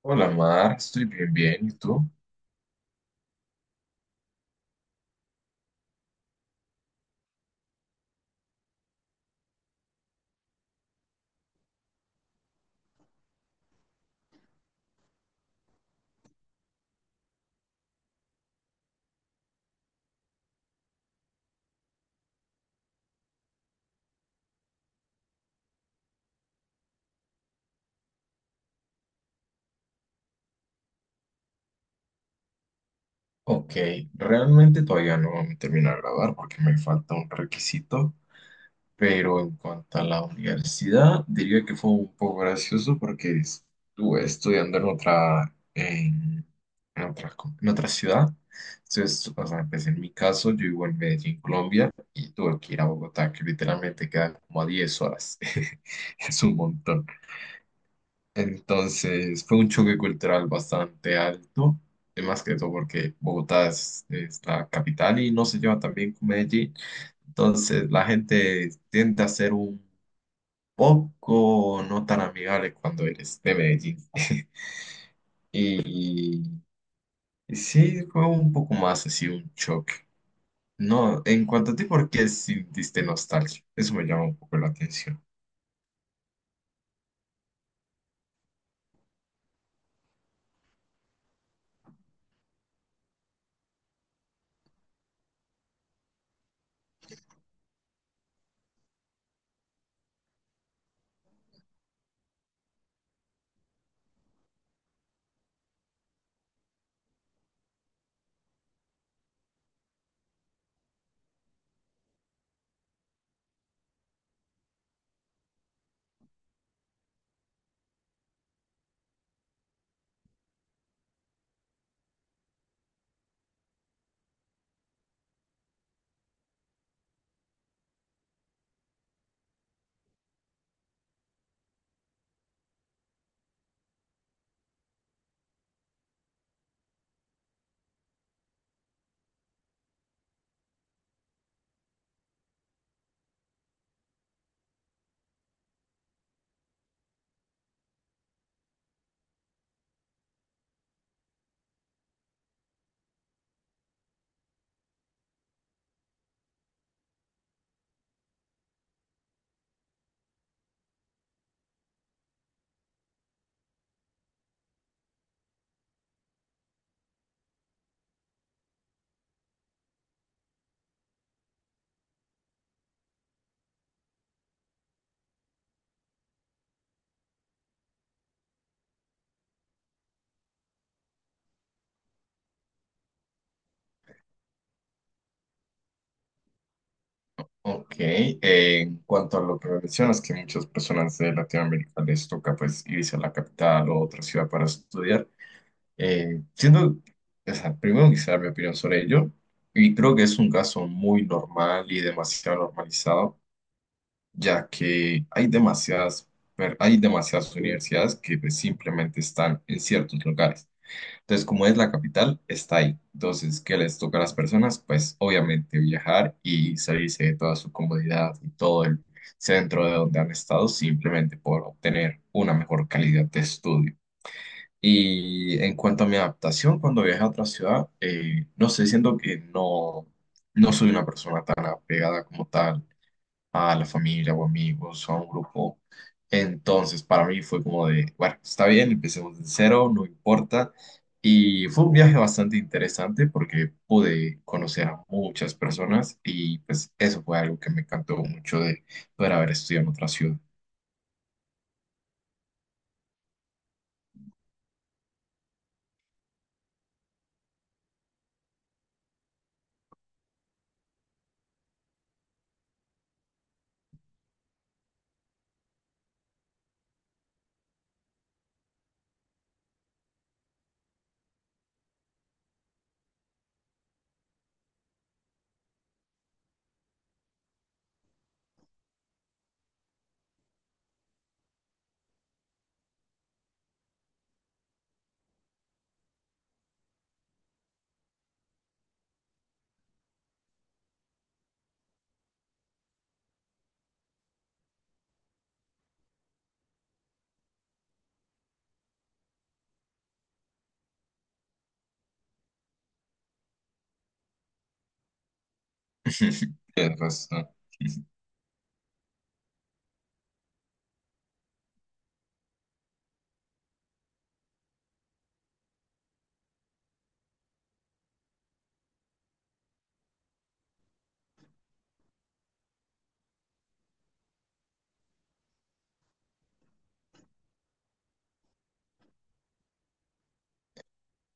Hola Mar, estoy bien, bien, ¿y tú? Ok, realmente todavía no me termino de grabar porque me falta un requisito, pero en cuanto a la universidad, diría que fue un poco gracioso porque estuve estudiando en otra, co- en otra ciudad. Entonces, o sea, pues en mi caso, yo vivo en Medellín, Colombia, y tuve que ir a Bogotá, que literalmente queda como a 10 horas. Es un montón. Entonces fue un choque cultural bastante alto, y más que todo porque Bogotá es la capital y no se lleva tan bien con Medellín. Entonces la gente tiende a ser un poco no tan amigable cuando eres de Medellín. Y y sí, fue un poco más así un choque. No, en cuanto a ti, ¿por qué sintiste nostalgia? Eso me llama un poco la atención. Ok, en cuanto a lo que mencionas, que muchas personas de Latinoamérica les toca pues irse a la capital o otra ciudad para estudiar, eh, siendo, o sea, primero quisiera dar mi opinión sobre ello, y creo que es un caso muy normal y demasiado normalizado, ya que hay demasiadas universidades que pues, simplemente están en ciertos lugares. Entonces, como es la capital, está ahí. Entonces, ¿qué les toca a las personas? Pues obviamente viajar y salirse de toda su comodidad y todo el centro de donde han estado simplemente por obtener una mejor calidad de estudio. Y en cuanto a mi adaptación, cuando viajé a otra ciudad, no sé, siento que no soy una persona tan apegada como tal a la familia o amigos o a un grupo. Entonces, para mí fue como de, bueno, está bien, empecemos de cero, no importa. Y fue un viaje bastante interesante porque pude conocer a muchas personas y pues eso fue algo que me encantó mucho de poder haber estudiado en otra ciudad. Tienes razón.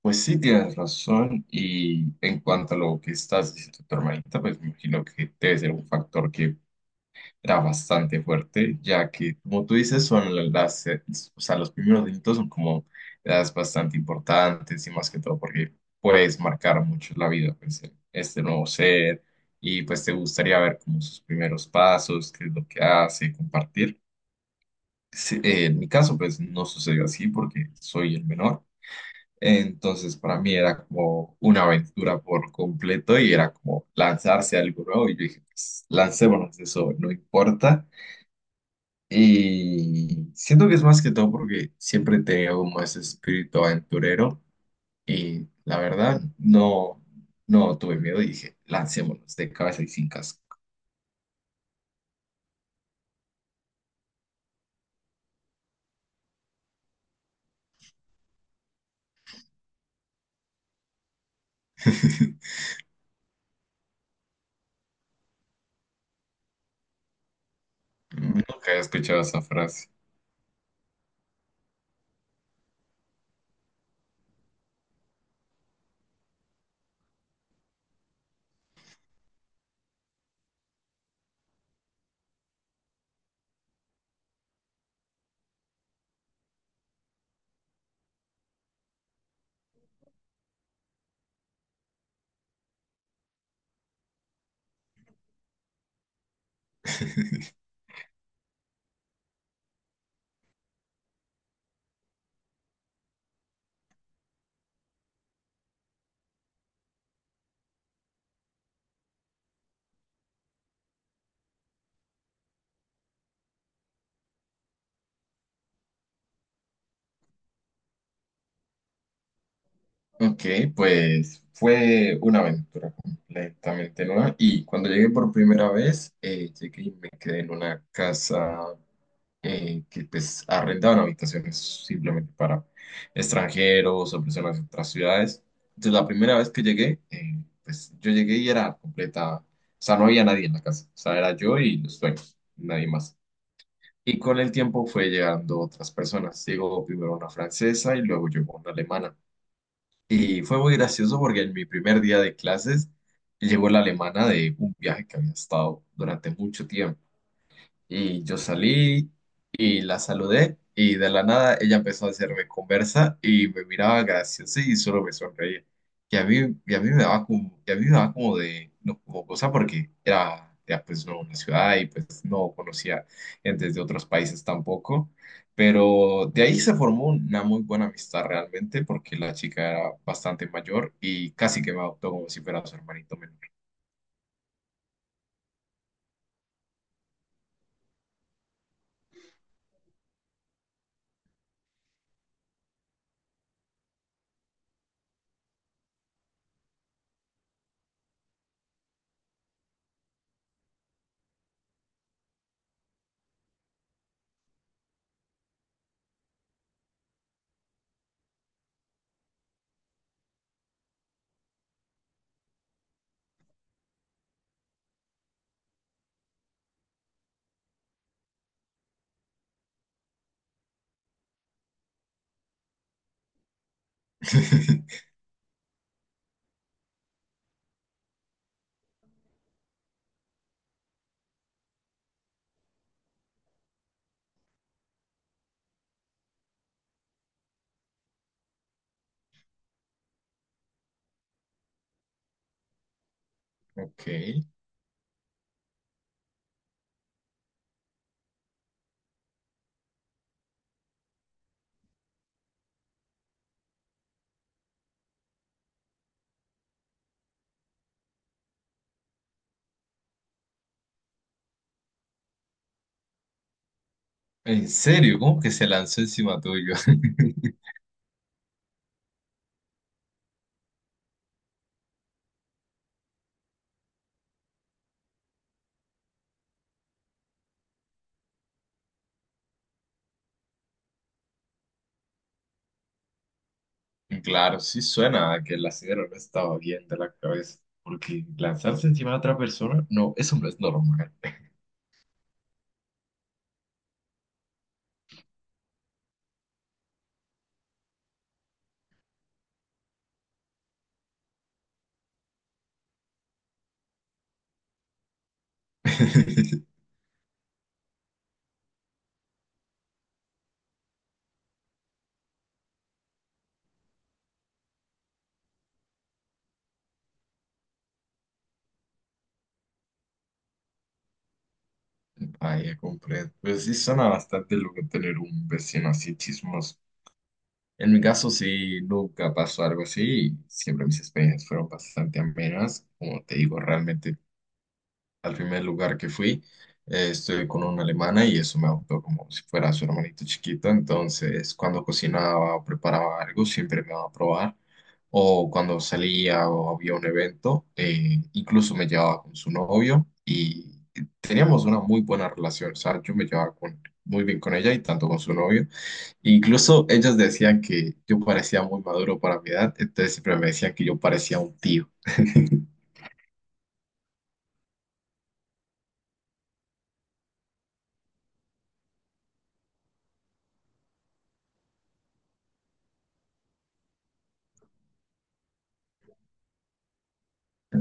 Pues sí, tienes razón. Y en cuanto a lo que estás diciendo tu hermanita, pues me imagino que debe ser un factor que era bastante fuerte, ya que, como tú dices, son o sea, los primeros delitos son como las bastante importantes y más que todo porque puedes marcar mucho la vida, pues, este nuevo ser y pues te gustaría ver como sus primeros pasos, qué es lo que hace, compartir. Sí, en mi caso, pues, no sucedió así porque soy el menor. Entonces, para mí era como una aventura por completo y era como lanzarse a algo nuevo. Y yo dije, pues, lancémonos, eso no importa. Y siento que es más que todo porque siempre te veo como ese espíritu aventurero y la verdad no tuve miedo y dije, lancémonos de cabeza y sin casco. Nunca he escuchado esa frase. Ok, pues fue una aventura completamente nueva y cuando llegué por primera vez, llegué y me quedé en una casa que pues arrendaban habitaciones simplemente para extranjeros o personas de otras ciudades. Entonces la primera vez que llegué, pues yo llegué y era completa, o sea, no había nadie en la casa, o sea, era yo y los dueños, nadie más. Y con el tiempo fue llegando otras personas. Llegó primero una francesa y luego llegó una alemana. Y fue muy gracioso porque en mi primer día de clases llegó la alemana de un viaje que había estado durante mucho tiempo. Y yo salí y la saludé y de la nada ella empezó a hacerme conversa y me miraba graciosa y solo me sonreía. Y a mí, y a mí me daba como, y a mí me daba como de, no, como cosa porque era pues no una ciudad y pues no conocía gente de otros países tampoco. Pero de ahí se formó una muy buena amistad realmente porque la chica era bastante mayor y casi que me adoptó como si fuera su hermanito menor. Ok. ¿En serio? ¿Cómo que se lanzó encima tuyo? Claro, sí suena a que el acero no estaba bien de la cabeza, porque lanzarse encima de otra persona, no, eso no es normal. Vaya, comprendo. Pero sí suena bastante lo que tener un vecino así chismoso. En mi caso, sí, nunca pasó algo así. Siempre mis experiencias fueron bastante amenas. Como te digo, realmente al primer lugar que fui, estuve con una alemana y eso me adoptó como si fuera su hermanito chiquito. Entonces, cuando cocinaba o preparaba algo, siempre me daba a probar. O cuando salía o había un evento, incluso me llevaba con su novio y teníamos una muy buena relación. O sea, yo me llevaba muy bien con ella y tanto con su novio. Incluso ellos decían que yo parecía muy maduro para mi edad, entonces siempre me decían que yo parecía un tío.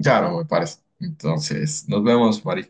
Claro, me parece. Entonces, nos vemos, Mari.